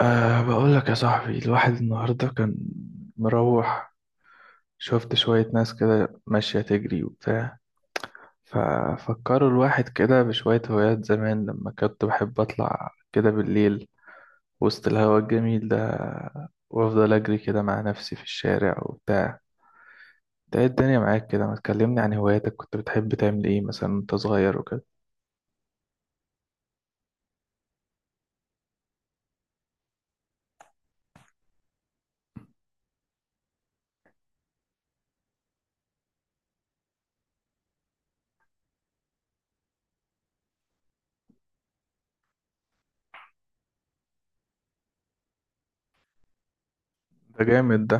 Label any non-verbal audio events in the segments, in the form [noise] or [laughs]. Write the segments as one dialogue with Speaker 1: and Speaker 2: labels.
Speaker 1: بقول لك يا صاحبي، الواحد النهاردة كان مروح. شفت شوية ناس كده ماشية تجري وبتاع. ففكروا الواحد كده بشوية هوايات زمان، لما كنت بحب أطلع كده بالليل وسط الهواء الجميل ده وأفضل أجري كده مع نفسي في الشارع وبتاع. ده إيه الدنيا معاك كده؟ ما تكلمني عن هواياتك، كنت بتحب تعمل إيه مثلا وأنت صغير وكده؟ ده جامد ده.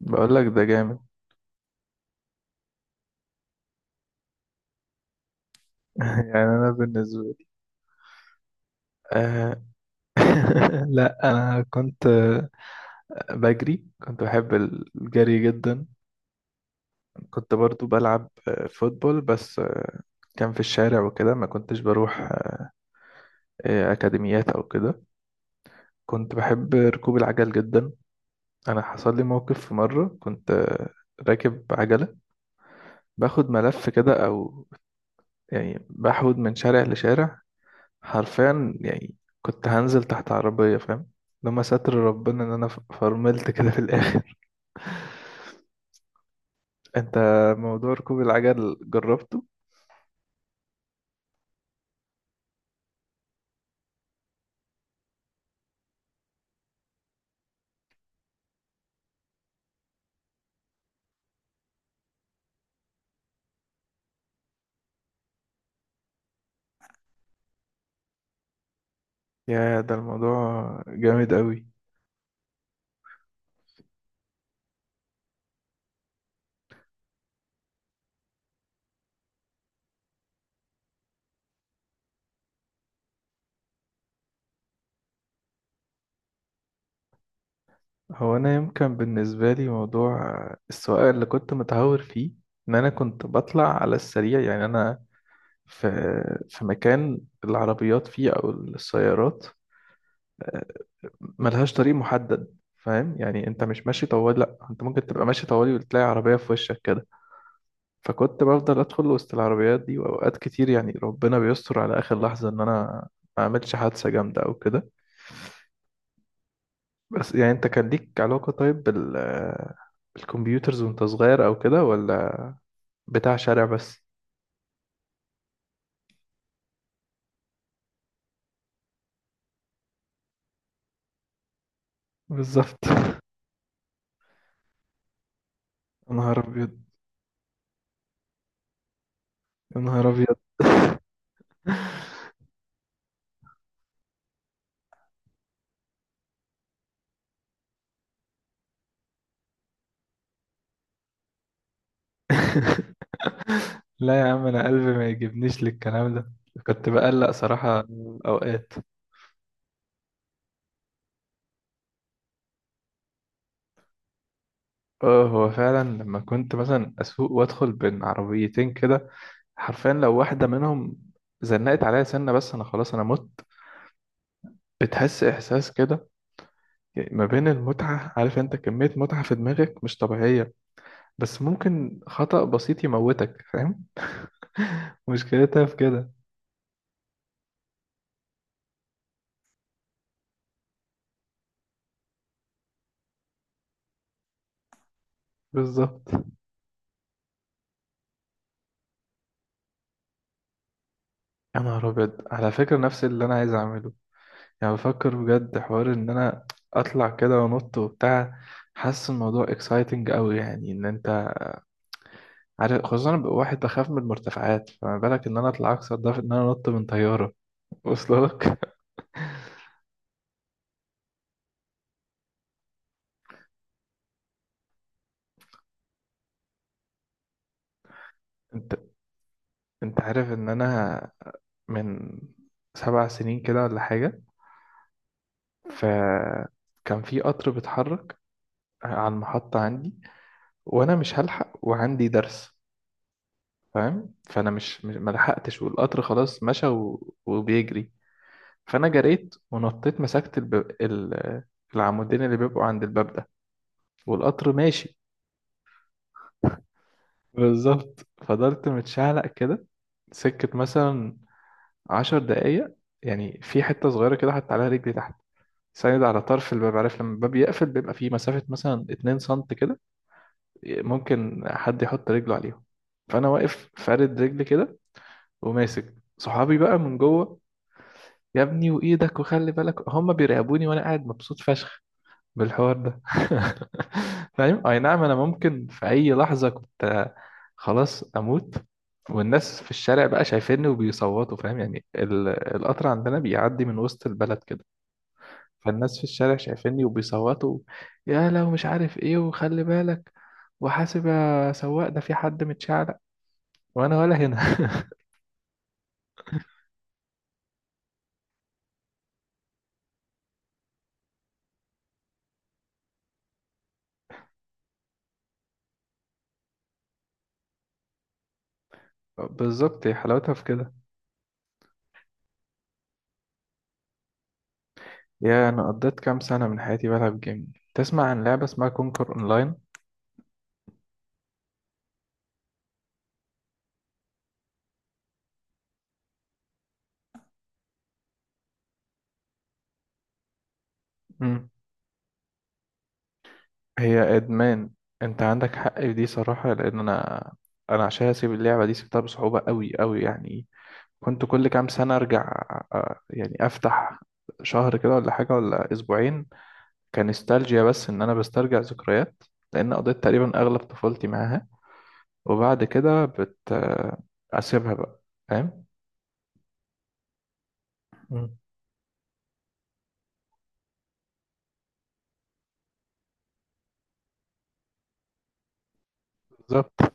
Speaker 1: بقول لك ده جامد. [laughs] يعني أنا بالنسبة لي آه... [laughs] لا، أنا كنت بجري، كنت بحب الجري جدا. كنت برضو بلعب فوتبول، بس كان في الشارع وكده، ما كنتش بروح أكاديميات أو كده. كنت بحب ركوب العجل جدا. أنا حصل لي موقف في مرة، كنت راكب عجلة، باخد ملف كده، أو يعني بحود من شارع لشارع، حرفيا يعني كنت هنزل تحت عربية، فاهم؟ لما ستر ربنا إن أنا فرملت كده في الآخر. [laughs] أنت موضوع ركوب العجل جربته؟ يا ده الموضوع جامد قوي. هو انا يمكن بالنسبه لي موضوع السواقه اللي كنت متهور فيه ان انا كنت بطلع على السريع. يعني انا في في مكان العربيات فيه او السيارات، آه، ملهاش طريق محدد، فاهم؟ يعني انت مش ماشي طوالي، لا، انت ممكن تبقى ماشي طوالي وتلاقي عربية في وشك كده. فكنت بفضل ادخل وسط العربيات دي، واوقات كتير يعني ربنا بيستر على اخر لحظة ان انا ما اعملش حادثة جامدة او كده. بس يعني، انت كان ليك علاقة طيب بال بالكمبيوترز وانت صغير او كده، ولا بتاع شارع بس؟ بالظبط. يا نهار ابيض، يا نهار ابيض. [laughs] لا يا عم، انا قلبي ما يجيبنيش للكلام ده. كنت بقلق صراحة اوقات. اه، هو فعلا لما كنت مثلا اسوق وادخل بين عربيتين كده، حرفيا لو واحدة منهم زنقت عليا سنة بس، انا خلاص انا مت. بتحس احساس كده، يعني ما بين المتعة، عارف انت كمية متعة في دماغك مش طبيعية، بس ممكن خطأ بسيط يموتك، فاهم؟ [laughs] مشكلتها في كده. بالظبط. يا نهار ابيض، على فكرة نفس اللي انا عايز اعمله، يعني بفكر بجد حوار ان انا اطلع كده وانط وبتاع. حاسس الموضوع اكسايتنج قوي، يعني ان انت عارف، خصوصا انا ببقى واحد بخاف من المرتفعات، فما بالك ان انا اطلع اكسر ده في ان انا انط من طيارة. واصل لك. [laughs] انت انت عارف ان انا من 7 سنين كده ولا حاجة، فكان في قطر بيتحرك على المحطة عندي وأنا مش هلحق وعندي درس، فاهم؟ فأنا مش ما لحقتش، والقطر خلاص مشى وبيجري. فأنا جريت ونطيت، مسكت ال... العمودين اللي بيبقوا عند الباب ده والقطر ماشي. بالظبط. فضلت متشعلق كده سكة مثلا 10 دقايق. يعني في حتة صغيرة كده حط عليها رجلي تحت، ساند على طرف الباب. عارف لما الباب يقفل بيبقى فيه مسافة مثلا 2 سنت كده، ممكن حد يحط رجله عليهم. فانا واقف فارد رجلي كده، وماسك صحابي بقى من جوه. يا ابني وايدك وخلي بالك. هم بيراقبوني وانا قاعد مبسوط فشخ بالحوار ده. [laughs] فاهم؟ اي نعم، انا ممكن في اي لحظه كنت خلاص اموت. والناس في الشارع بقى شايفيني وبيصوتوا. فاهم يعني، القطر عندنا بيعدي من وسط البلد كده، فالناس في الشارع شايفيني وبيصوتوا يا لو مش عارف ايه، وخلي بالك وحاسب يا سواق، ده في حد متشعلق، وانا ولا هنا. [laughs] بالظبط، هي حلاوتها في كده. يا انا قضيت كام سنة من حياتي بلعب جيم. تسمع عن لعبة اسمها كونكر اونلاين؟ امم هي ادمان، انت عندك حق في دي صراحة، لان انا، انا عشان اسيب اللعبة دي سبتها بصعوبة قوي قوي يعني. كنت كل كام سنة ارجع، يعني افتح شهر كده ولا حاجة ولا اسبوعين، كنستالجيا، بس ان انا بسترجع ذكريات لان قضيت تقريبا اغلب طفولتي معاها. وبعد كده اسيبها بقى، فاهم؟ مم. بالظبط.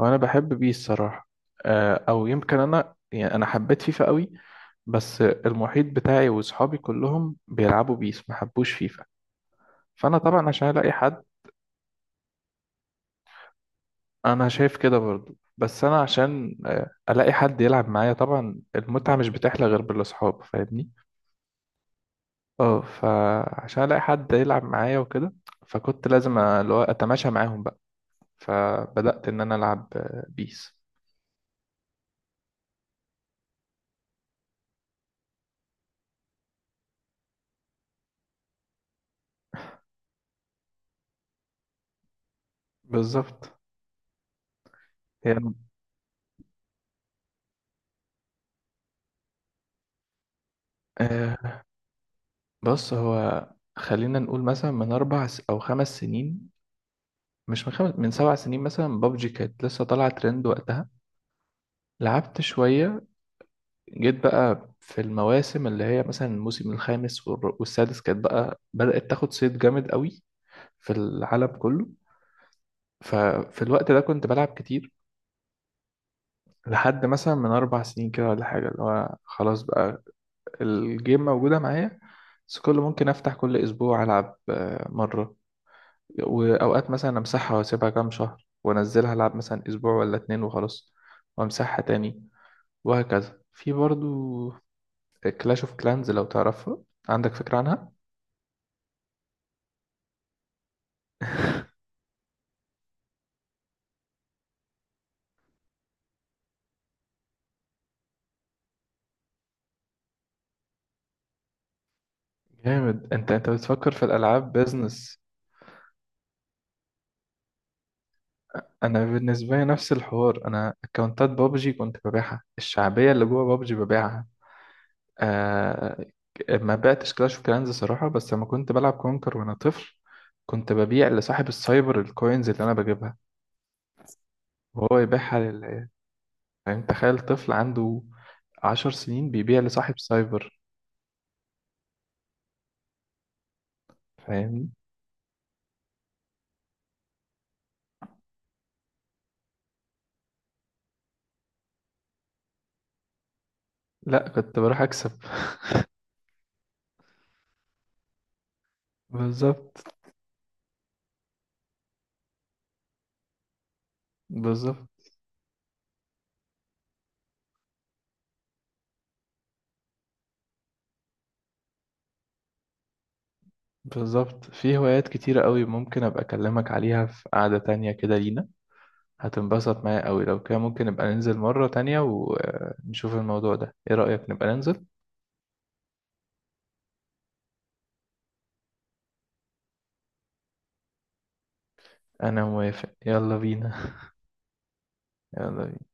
Speaker 1: هو انا بحب بيه الصراحه. او يمكن انا، يعني انا حبيت فيفا قوي، بس المحيط بتاعي واصحابي كلهم بيلعبوا بيس، ما حبوش فيفا. فانا طبعا عشان الاقي حد. انا شايف كده برضو، بس انا عشان الاقي حد يلعب معايا، طبعا المتعه مش بتحلى غير بالاصحاب، فاهمني؟ اه، فعشان الاقي حد يلعب معايا وكده، فكنت لازم اللي هو اتماشى معاهم بقى. فبدأت ان انا العب بيس. بالظبط. هي آه، بص هو، خلينا نقول مثلا من او 5 سنين، مش من خمس، من 7 سنين مثلا. بابجي كانت لسه طالعه ترند وقتها، لعبت شويه. جيت بقى في المواسم اللي هي مثلا الموسم الخامس والسادس، كانت بقى بدأت تاخد صيت جامد قوي في العالم كله. ففي الوقت ده كنت بلعب كتير لحد مثلا من 4 سنين كده ولا حاجة. اللي هو خلاص بقى، الجيم موجودة معايا، بس كل ممكن أفتح كل أسبوع ألعب مرة. وأوقات مثلا أمسحها وأسيبها كام شهر، وأنزلها ألعب مثلا أسبوع ولا اتنين وخلاص، وأمسحها تاني، وهكذا. في برضو كلاش اوف كلانز، لو تعرفها، عندك فكرة عنها؟ جامد. انت بتفكر في الألعاب بيزنس. أنا بالنسبة لي نفس الحوار، أنا أكونتات بابجي كنت ببيعها، الشعبية اللي جوه بابجي ببيعها. آه. ما بقتش كلاش اوف كلانز صراحة، بس لما كنت بلعب كونكر وانا طفل، كنت ببيع لصاحب السايبر الكوينز اللي انا بجيبها، وهو يبيعها فاهم؟ تخيل طفل عنده 10 سنين بيبيع لصاحب سايبر، فاهمني؟ لا، كنت بروح اكسب. بالظبط. بالظبط. بالظبط. في هوايات كتيرة قوي ممكن ابقى اكلمك عليها في قعدة تانية كده لينا، هتنبسط معايا قوي لو كده. ممكن نبقى ننزل مرة تانية ونشوف الموضوع ده، ايه رأيك نبقى ننزل؟ انا موافق، يلا بينا. يلا.